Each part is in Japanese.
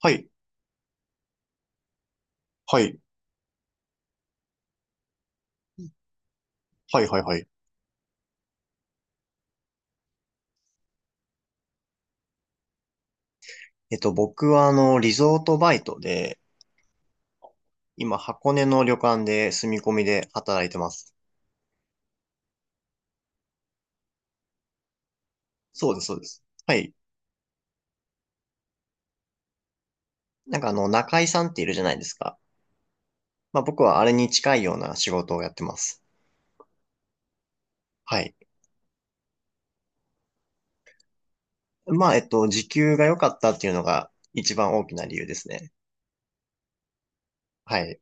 はい、はい、はい、はい、はい。僕はリゾートバイトで、今、箱根の旅館で住み込みで働いてます。そうです、そうです。はい。なんか中井さんっているじゃないですか。まあ僕はあれに近いような仕事をやってます。はい。まあ、時給が良かったっていうのが一番大きな理由ですね。はい。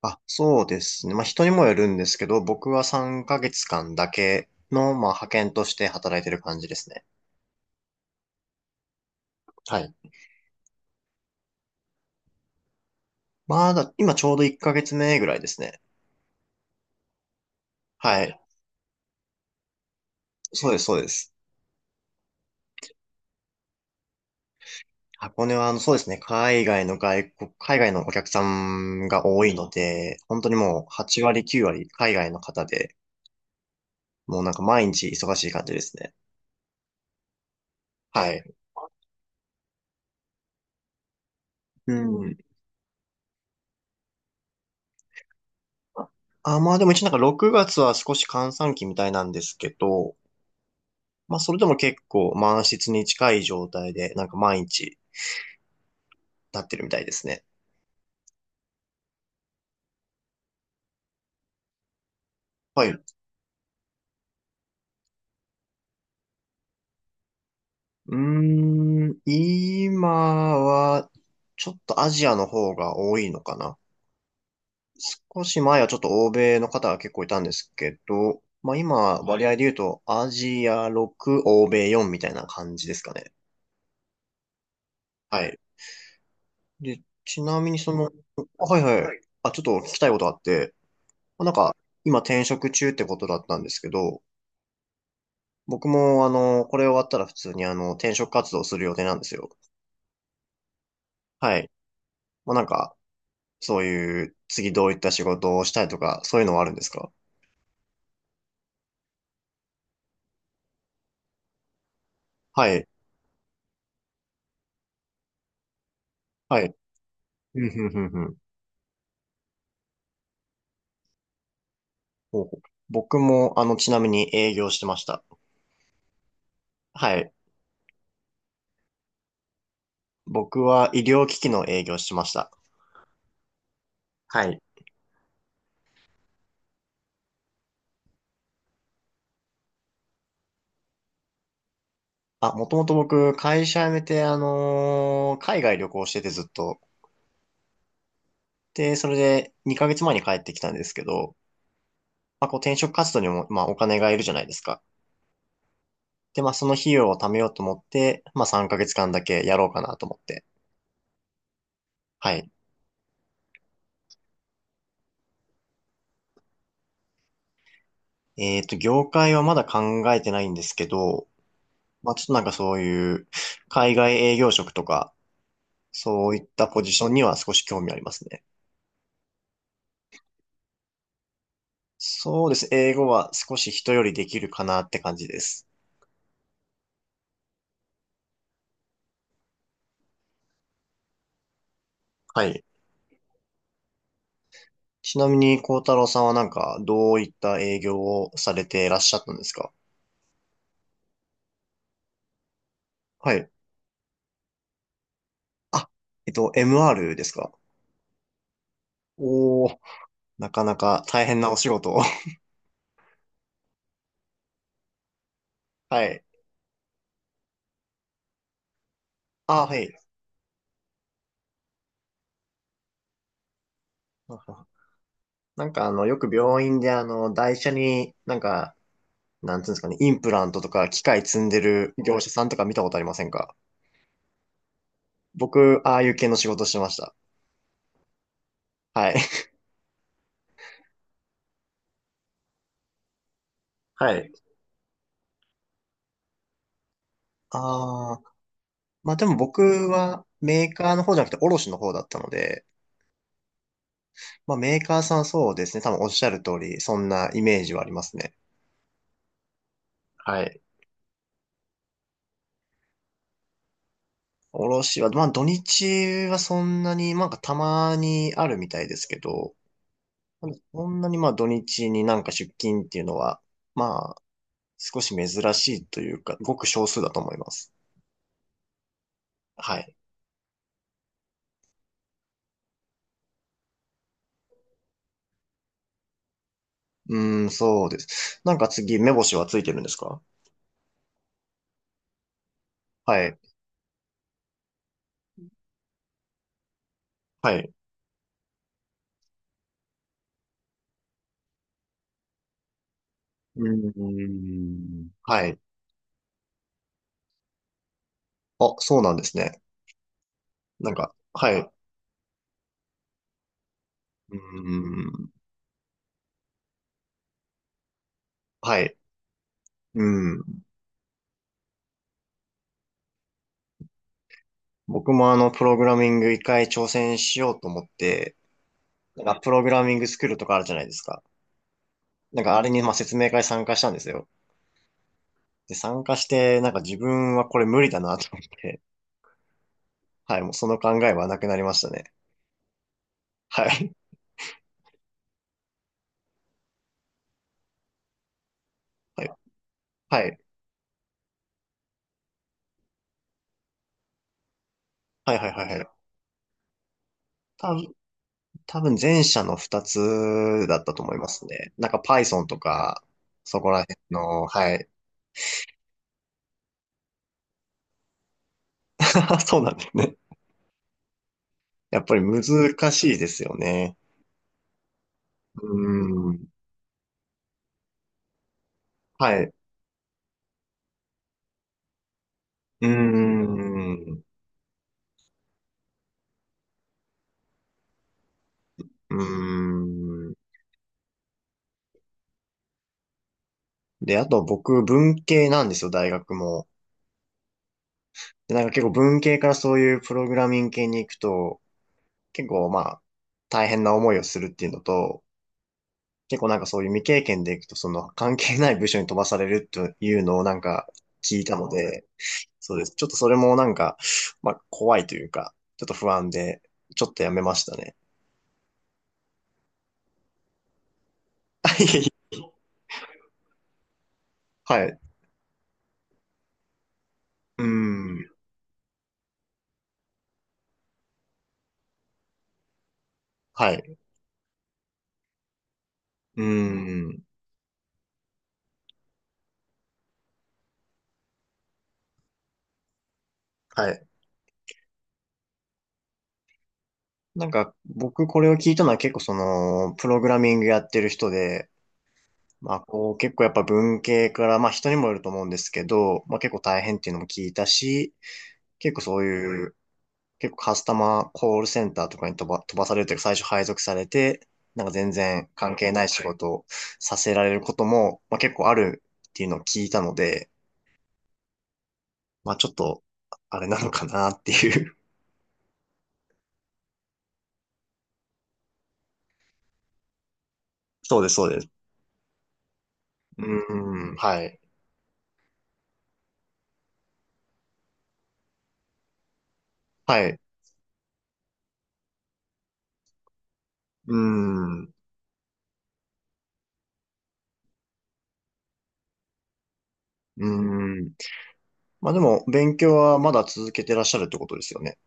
あ、そうですね。まあ人にもよるんですけど、僕は3ヶ月間だけの、まあ派遣として働いてる感じですね。はい。まあだ、今ちょうど1ヶ月目ぐらいですね。はい。そうです、そうです。箱根は、そうですね。海外のお客さんが多いので、本当にもう8割、9割海外の方で、もうなんか毎日忙しい感じですね。はい。うん。あ、まあでも一応なんか6月は少し閑散期みたいなんですけど、まあそれでも結構満室に近い状態で、なんか毎日なってるみたいですね。はい。うーん、今は、ちょっとアジアの方が多いのかな。少し前はちょっと欧米の方が結構いたんですけど、まあ今は、割合い。合で言うと、アジア6、欧米4みたいな感じですかね。はい。で、ちなみにあ、はいはい。はい、ちょっと聞きたいことがあって、まあなんか、今転職中ってことだったんですけど、僕もこれ終わったら普通に転職活動する予定なんですよ。はい。まあなんか、そういう、次どういった仕事をしたいとか、そういうのはあるんですか？はい。はい。うんうんうん。ほうほう。僕も、ちなみに営業してました。はい。僕は医療機器の営業してました。はい。あ、もともと僕、会社辞めて、海外旅行しててずっと。で、それで2ヶ月前に帰ってきたんですけど、まあ、こう転職活動にも、まあ、お金がいるじゃないですか。で、まあ、その費用を貯めようと思って、まあ、3ヶ月間だけやろうかなと思って。はい。業界はまだ考えてないんですけど、まあ、ちょっとなんかそういう、海外営業職とか、そういったポジションには少し興味ありますね。そうです。英語は少し人よりできるかなって感じです。はい。ちなみに、幸太郎さんはなんか、どういった営業をされていらっしゃったんですか？はい。あ、MR ですか？おー、なかなか大変なお仕事を。はい。あ、はい。なんかよく病院で台車になんか、なんていうんですかね、インプラントとか機械積んでる業者さんとか見たことありませんか？僕、ああいう系の仕事してました。はい。はい。ああ、まあでも僕はメーカーの方じゃなくて卸の方だったので、まあメーカーさんそうですね、多分おっしゃる通り、そんなイメージはありますね。はい。卸は、まあ土日はそんなに、なんかたまにあるみたいですけど、そんなにまあ土日になんか出勤っていうのは、まあ少し珍しいというか、ごく少数だと思います。はい。うーん、そうです。なんか次、目星はついてるんですか？はい。はい。うーん、はい。あ、そうなんですね。なんか、はい。うーん。はい。うん。僕もプログラミング一回挑戦しようと思って、なんか、プログラミングスクールとかあるじゃないですか。なんか、あれに、まあ、説明会参加したんですよ。で、参加して、なんか自分はこれ無理だなと思って、はい、もうその考えはなくなりましたね。はい。はい。はい。はい、はい、はい。はい。多分、多分前者の二つだったと思いますね。なんか Python とか、そこら辺の、はい。そうなんですね。やっぱり難しいですよね。うーん。はい。うーん。うーん。で、あと僕、文系なんですよ、大学も。で、なんか結構文系からそういうプログラミング系に行くと、結構まあ、大変な思いをするっていうのと、結構なんかそういう未経験で行くと、その関係ない部署に飛ばされるというのをなんか聞いたので、そうです。ちょっとそれもなんか、まあ、怖いというか、ちょっと不安で、ちょっとやめましたね。はい。うーん。はい。うーん。はい。なんか、僕これを聞いたのは結構その、プログラミングやってる人で、まあこう結構やっぱ文系から、まあ人にもよると思うんですけど、まあ結構大変っていうのも聞いたし、結構そういう、結構カスタマーコールセンターとかに飛ばされるというか最初配属されて、なんか全然関係ない仕事をさせられることも、まあ結構あるっていうのを聞いたので、まあちょっと、あれなのかなっていう。そうです、そうです。うーん、はい。はい。うーん。うーん。まあでも、勉強はまだ続けてらっしゃるってことですよね。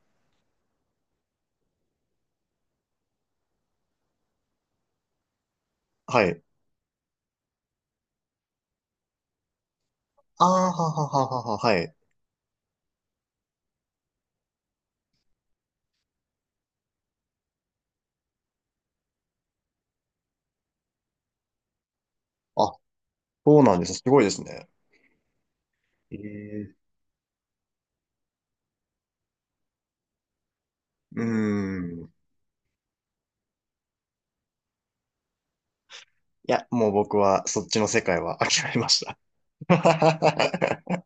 はい。ああ、ははははは、はい。あ、そうなんです。すごいですね。ええ。うーん。いや、もう僕はそっちの世界は諦めました。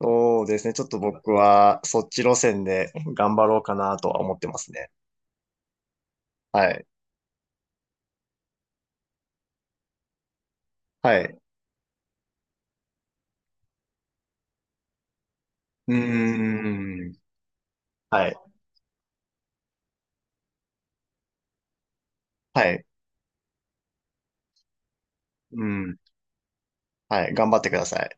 そうですね。ちょっと僕はそっち路線で頑張ろうかなとは思ってますね。はい。はい。うーん。はい。はい。うん。はい。頑張ってください。